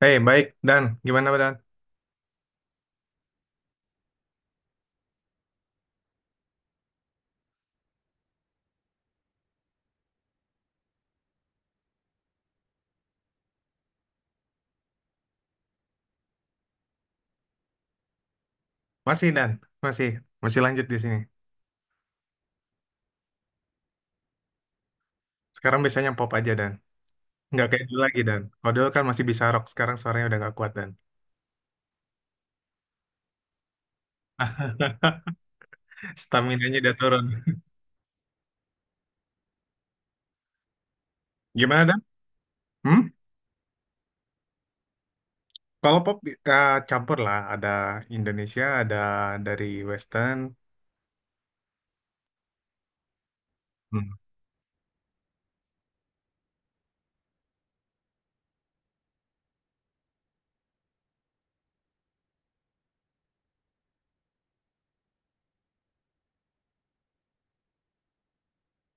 Hei, baik, Dan. Gimana, Dan? Masih, Dan. Masih. Masih lanjut di sini. Sekarang biasanya pop aja, Dan. Nggak kayak dulu lagi, Dan. Kalau dulu kan masih bisa rock. Sekarang suaranya udah nggak kuat, Dan. Stamina-nya udah turun. Gimana, Dan? Hmm? Kalau pop campur lah. Ada Indonesia, ada dari Western. Hmm.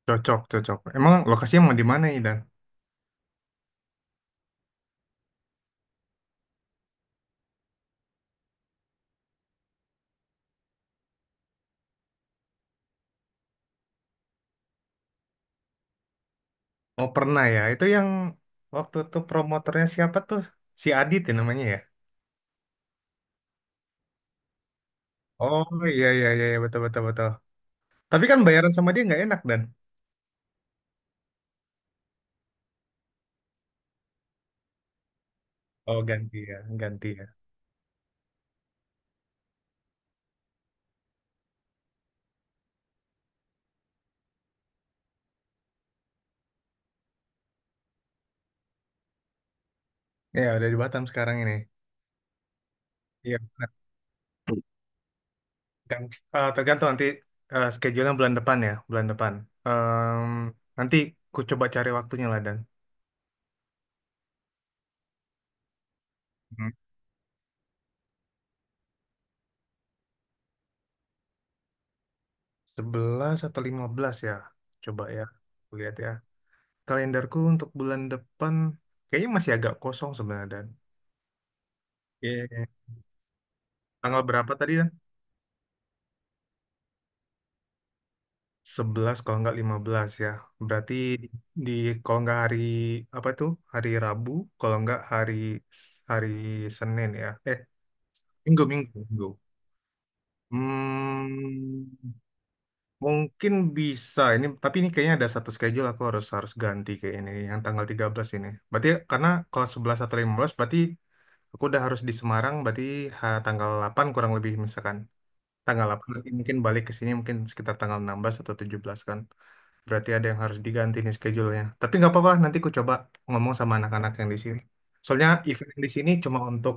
Cocok, cocok. Emang lokasinya mau di mana nih, Dan? Oh, pernah ya. Itu yang waktu itu promotornya siapa tuh? Si Adit ya namanya ya? Oh, iya, iya, iya. Iya. Betul, betul, betul. Tapi kan bayaran sama dia nggak enak Dan. Oh, ganti ya, ganti ya. Ya, udah di Batam sekarang ini. Iya. Benar. Dan, tergantung nanti schedule-nya bulan depan ya, bulan depan. Em, Nanti ku coba cari waktunya lah Dan. Hmm. 11 atau 15 ya. Coba ya, ku lihat ya. Kalenderku untuk bulan depan kayaknya masih agak kosong sebenarnya Dan. Iya. Tanggal berapa tadi? 11 kalau nggak 15 ya. Berarti di kalau nggak hari apa tuh? Hari Rabu, kalau nggak hari hari Senin ya. Minggu, Minggu, Minggu. Hmm, mungkin bisa ini, tapi ini kayaknya ada satu schedule aku harus harus ganti kayak ini yang tanggal 13 ini. Berarti karena kalau 11 atau 15 berarti aku udah harus di Semarang berarti tanggal 8 kurang lebih misalkan. Tanggal 8 mungkin balik ke sini mungkin sekitar tanggal 16 atau 17 kan. Berarti ada yang harus diganti nih schedule-nya. Tapi nggak apa-apa, nanti ku coba ngomong sama anak-anak yang di sini. Soalnya event yang di sini cuma untuk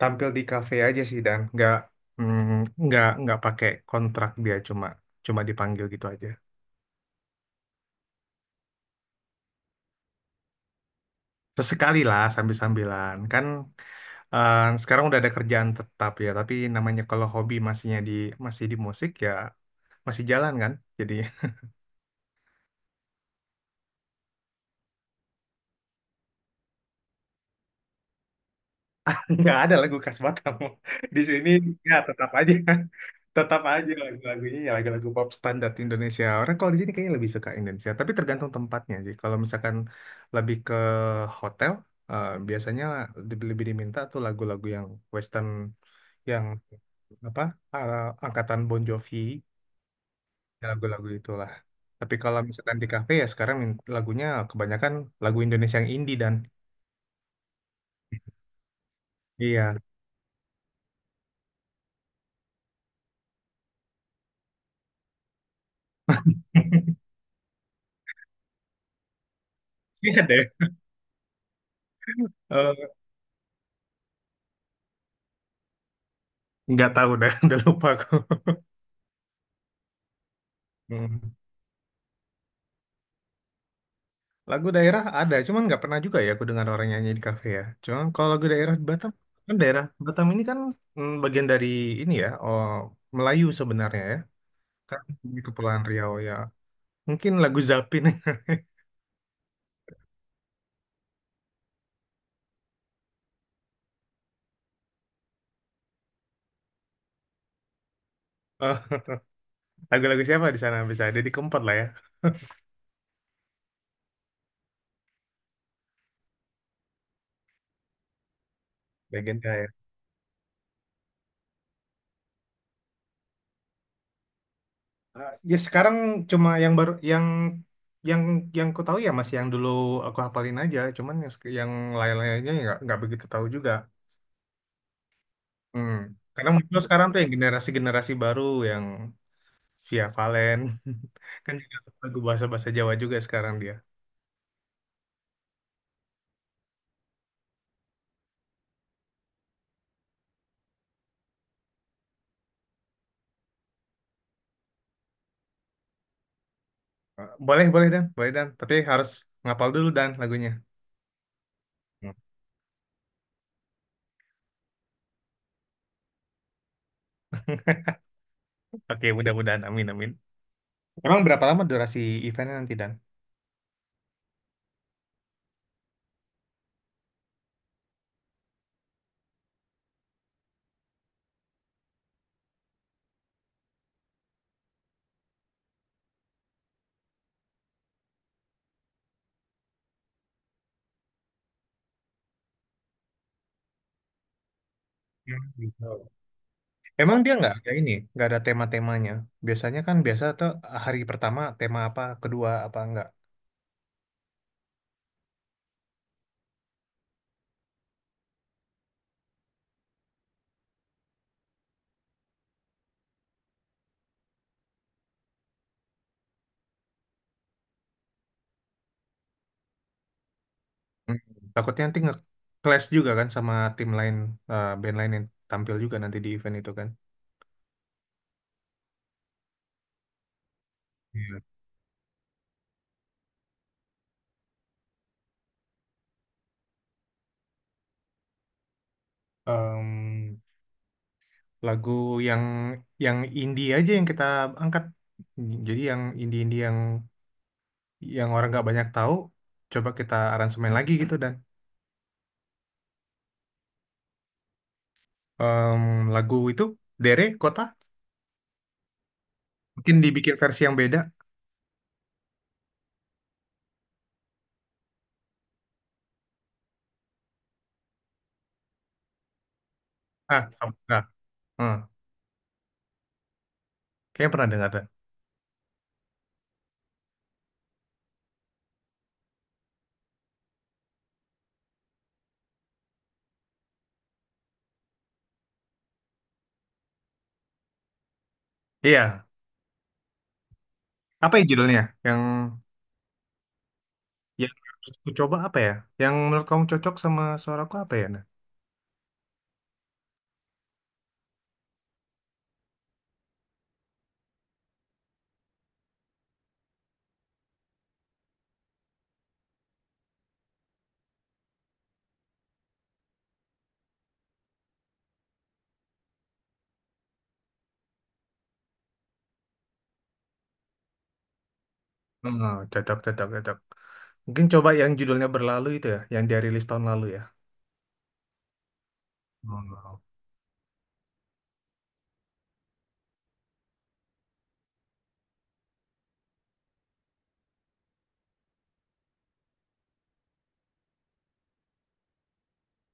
tampil di kafe aja sih Dan, nggak mm, nggak pakai kontrak. Dia cuma cuma dipanggil gitu aja. Sesekali lah sambil-sambilan kan, sekarang udah ada kerjaan tetap ya. Tapi namanya kalau hobi masihnya di masih di musik ya, masih jalan kan. Jadi, nggak ada lagu khas Batam. Di sini ya tetap aja, tetap aja lagu-lagunya, ya lagu-lagu pop standar Indonesia. Orang kalau di sini kayaknya lebih suka Indonesia, tapi tergantung tempatnya sih. Kalau misalkan lebih ke hotel, biasanya lebih lebih diminta tuh lagu-lagu yang Western, yang apa eh, angkatan Bon Jovi, ya lagu-lagu itulah. Tapi kalau misalkan di kafe ya sekarang lagunya kebanyakan lagu Indonesia yang indie dan iya. Sih ada. Ya? Nggak tahu dah, udah lupa aku. Hmm. Lagu daerah ada, cuman nggak pernah juga ya aku dengar orang nyanyi di kafe ya. Cuman kalau lagu daerah di Batam, kan daerah Batam ini kan bagian dari ini ya, oh, Melayu sebenarnya ya. Kan di Kepulauan Riau ya. Mungkin lagu Zapin, oh, lagu-lagu siapa di sana bisa ada di Kempot lah ya, legenda ya. Ya sekarang cuma yang baru, yang yang ku tahu ya masih yang dulu aku hafalin aja, cuman yang lain-lainnya nggak begitu tahu juga. Hmm. Karena muncul sekarang tuh yang generasi-generasi baru yang Via Valen kan, juga lagu bahasa-bahasa Jawa juga sekarang dia. Boleh, boleh Dan, boleh Dan. Tapi harus ngapal dulu Dan lagunya. Hmm. Oke, mudah-mudahan. Amin, amin. Emang berapa lama durasi eventnya nanti Dan? Ya, gitu. Emang dia nggak ada ini, nggak ada tema-temanya. Biasanya kan biasa tuh hari pertama tema apa, kedua apa enggak. Hmm. Takutnya nanti nge-clash juga kan sama tim lain, band lain yang tampil juga nanti di event itu kan. Iya. em, lagu yang yang indie aja yang kita angkat. Jadi yang indie-indie yang orang nggak banyak tahu, coba kita aransemen lagi gitu Dan. Em, lagu itu Dere Kota mungkin dibikin versi yang beda. Ah, sama. Ah, hmm. Kayaknya pernah dengar deh. Iya. Apa ya judulnya? Yang harus aku coba apa ya? Yang menurut kamu cocok sama suaraku apa ya? Nah, cocok, cocok, cocok. Mungkin coba yang judulnya berlalu itu ya, yang dia rilis tahun lalu ya. Hmm.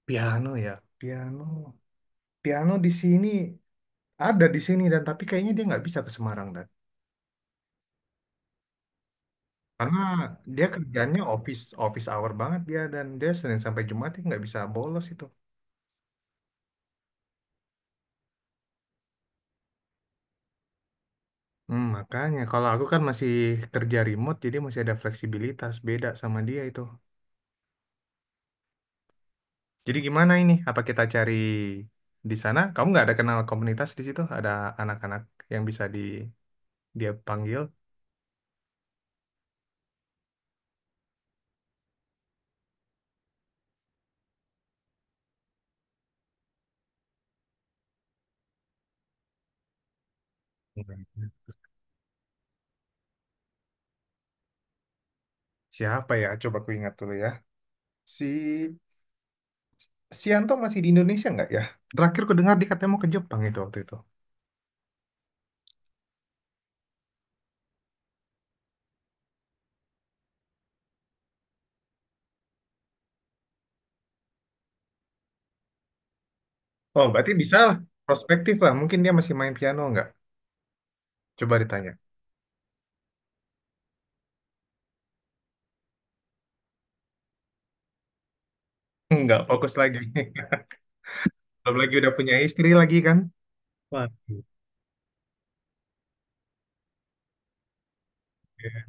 Piano ya, piano, piano di sini, ada di sini Dan, tapi kayaknya dia nggak bisa ke Semarang Dan, karena dia kerjanya office office hour banget dia Dan. Dia Senin sampai Jumat dia nggak bisa bolos itu. Makanya kalau aku kan masih kerja remote, jadi masih ada fleksibilitas beda sama dia itu. Jadi gimana ini? Apa kita cari di sana? Kamu nggak ada kenal komunitas di situ? Ada anak-anak yang bisa dia panggil? Nggak ada. Siapa ya? Coba aku ingat dulu ya. Si Sianto masih di Indonesia nggak ya? Terakhir ku dengar dia katanya mau ke Jepang itu waktu itu. Oh, berarti bisa lah. Prospektif lah. Mungkin dia masih main piano nggak? Coba ditanya. Nggak fokus lagi. Belum lagi udah punya istri lagi kan? Waduh. Ya,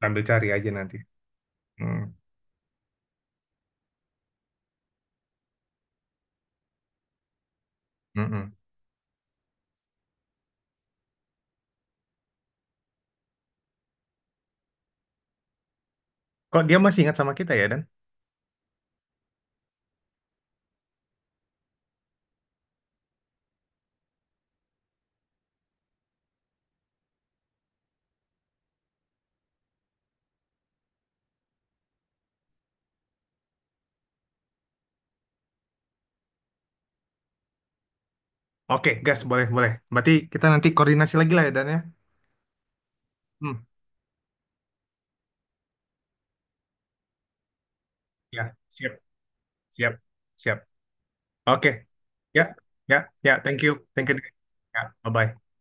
sambil cari aja nanti. Hmm. Mm-mm. Kok dia masih ingat sama kita ya, Dan? Oke, gas. Boleh, boleh. Berarti kita nanti koordinasi lagi lah ya, Dan ya? Hmm. Ya, siap. Siap. Siap. Oke. Ya, ya, ya. Thank you. Thank you. Ya, bye-bye.